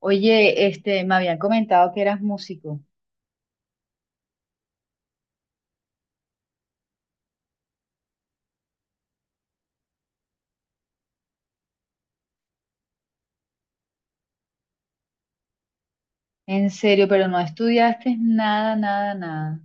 Oye, este, me habían comentado que eras músico. En serio, pero no estudiaste nada, nada, nada.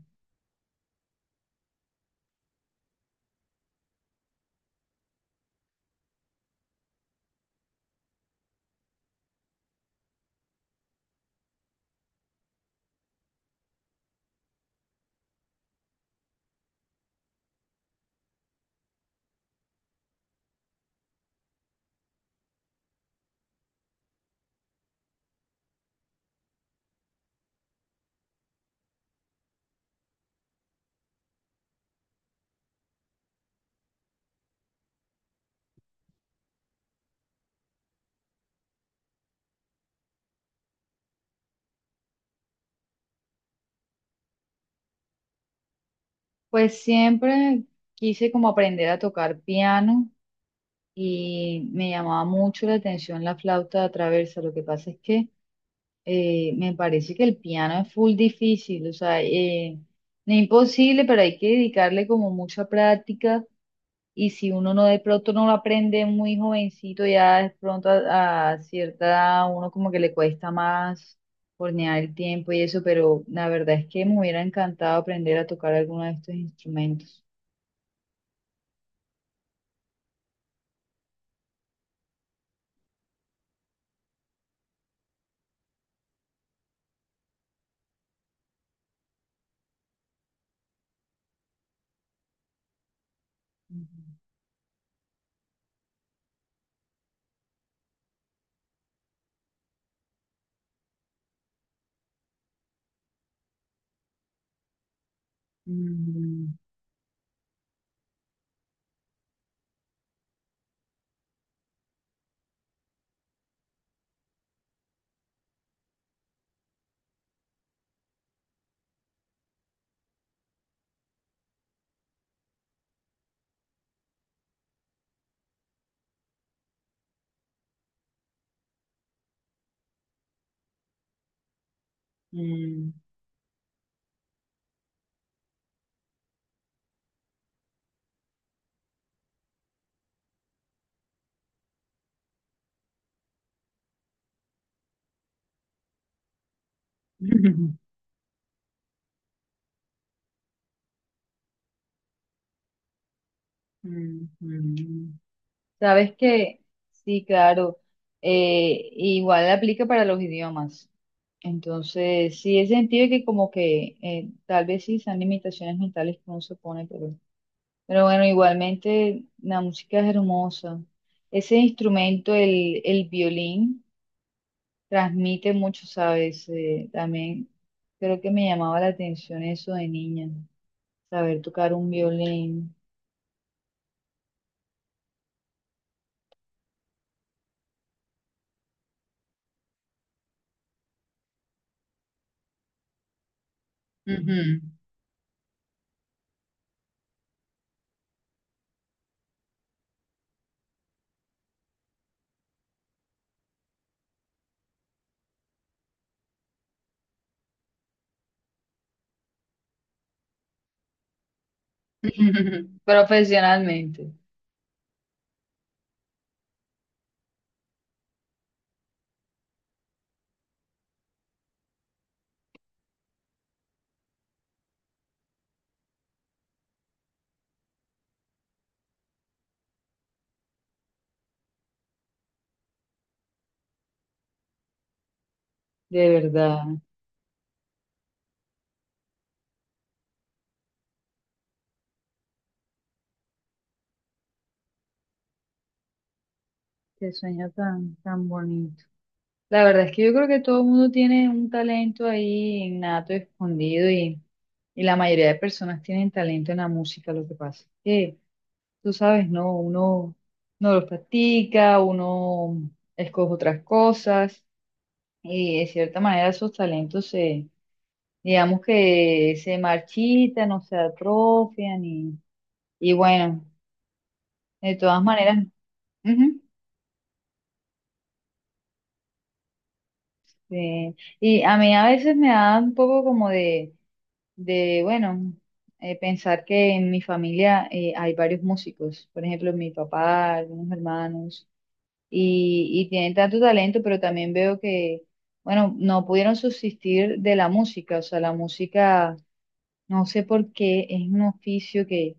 Pues siempre quise como aprender a tocar piano y me llamaba mucho la atención la flauta traversa. Lo que pasa es que me parece que el piano es full difícil, o sea, no es imposible, pero hay que dedicarle como mucha práctica. Y si uno no de pronto no lo aprende muy jovencito, ya de pronto a cierta edad uno como que le cuesta más hornear el tiempo y eso, pero la verdad es que me hubiera encantado aprender a tocar alguno de estos instrumentos. Ujú. Mm, mm. Mm, mm. Sabes que sí, claro, igual aplica para los idiomas. Entonces, sí, he sentido que como que tal vez sí sean limitaciones mentales que uno se pone, pero bueno, igualmente la música es hermosa. Ese instrumento, el violín, transmite mucho, ¿sabes? También creo que me llamaba la atención eso de niña, saber tocar un violín. Ujú. Profesionalmente, de verdad. Qué sueño tan, tan bonito. La verdad es que yo creo que todo el mundo tiene un talento ahí innato, escondido y... y la mayoría de personas tienen talento en la música, lo que pasa es que tú sabes, ¿no? Uno no los practica, uno escoge otras cosas y de cierta manera esos talentos se, digamos que se marchitan o se atrofian y bueno, de todas maneras, ujú, eh, y a mí a veces me da un poco como de bueno, pensar que en mi familia hay varios músicos, por ejemplo, mi papá, algunos hermanos. Y, y tienen tanto talento, pero también veo que, bueno, no pudieron subsistir de la música, o sea, la música, no sé por qué, es un oficio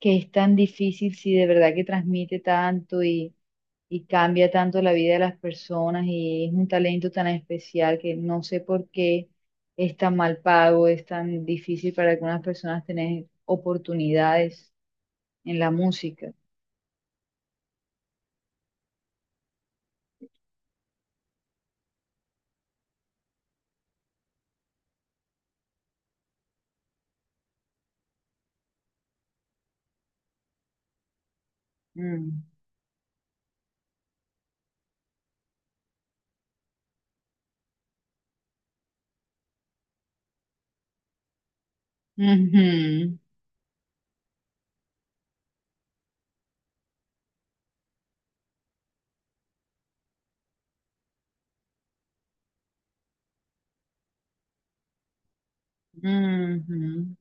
que es tan difícil si de verdad que transmite tanto y cambia tanto la vida de las personas y es un talento tan especial que no sé por qué es tan mal pago, es tan difícil para algunas personas tener oportunidades en la música. Mm. Ujú. Ujú.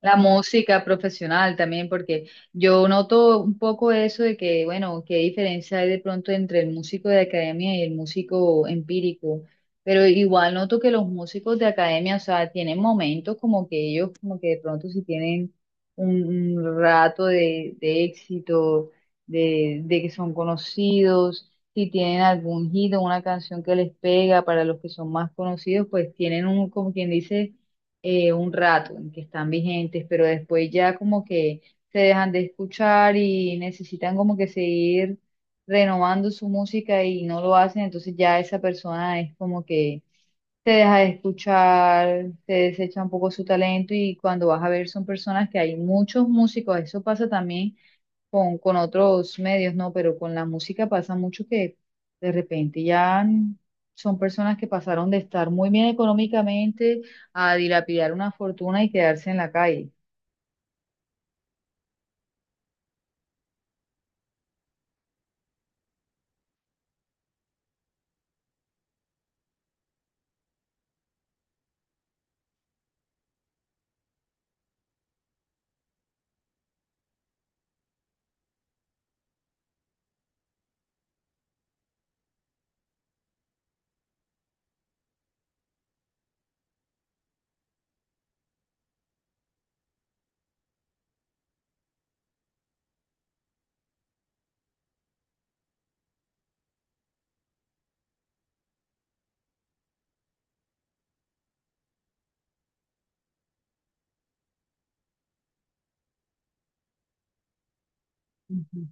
La música profesional también, porque yo noto un poco eso de que, bueno, qué diferencia hay de pronto entre el músico de academia y el músico empírico, pero igual noto que los músicos de academia, o sea, tienen momentos como que ellos, como que de pronto si tienen un rato de éxito, de que son conocidos, si tienen algún hit o una canción que les pega para los que son más conocidos, pues tienen un, como quien dice, un rato en que están vigentes, pero después ya como que se dejan de escuchar y necesitan como que seguir renovando su música y no lo hacen, entonces ya esa persona es como que se deja de escuchar, se desecha un poco su talento y cuando vas a ver son personas que hay muchos músicos, eso pasa también con otros medios, ¿no? Pero con la música pasa mucho que de repente ya son personas que pasaron de estar muy bien económicamente a dilapidar una fortuna y quedarse en la calle. Ujú.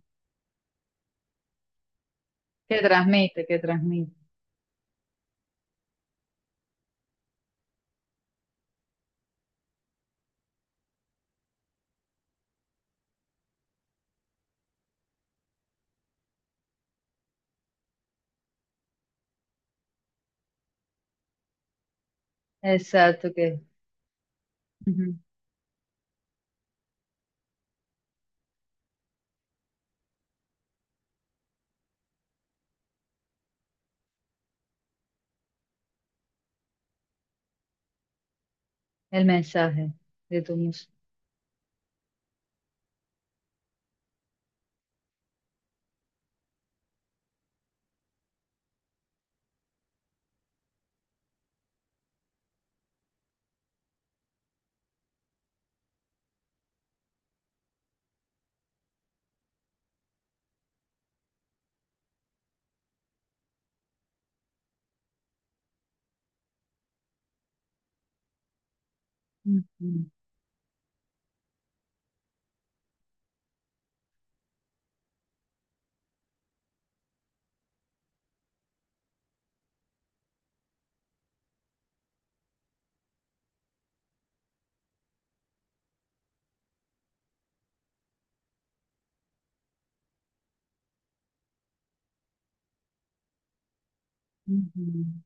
Que transmite, que transmite. Exacto, que ujú, el mensaje de tu música. Ujú, ujú.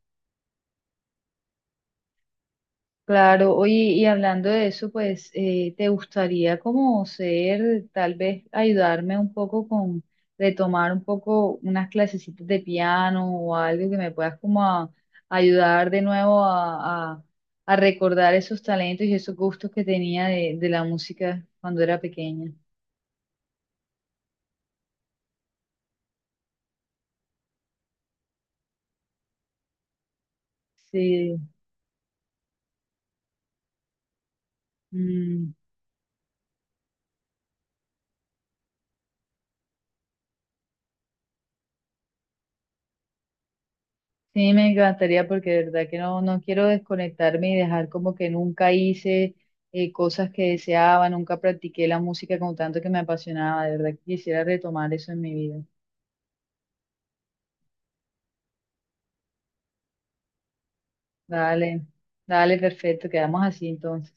Claro, oye, y hablando de eso, pues, ¿te gustaría como ser, tal vez ayudarme un poco con retomar un poco unas clasecitas de piano o algo que me puedas como ayudar de nuevo a, a recordar esos talentos y esos gustos que tenía de la música cuando era pequeña? Sí. Mm. Sí, me encantaría porque de verdad que no, no quiero desconectarme y dejar como que nunca hice cosas que deseaba, nunca practiqué la música con tanto que me apasionaba. De verdad que quisiera retomar eso en mi vida. Dale, dale, perfecto, quedamos así entonces.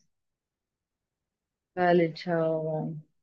Dale, chao. Bye.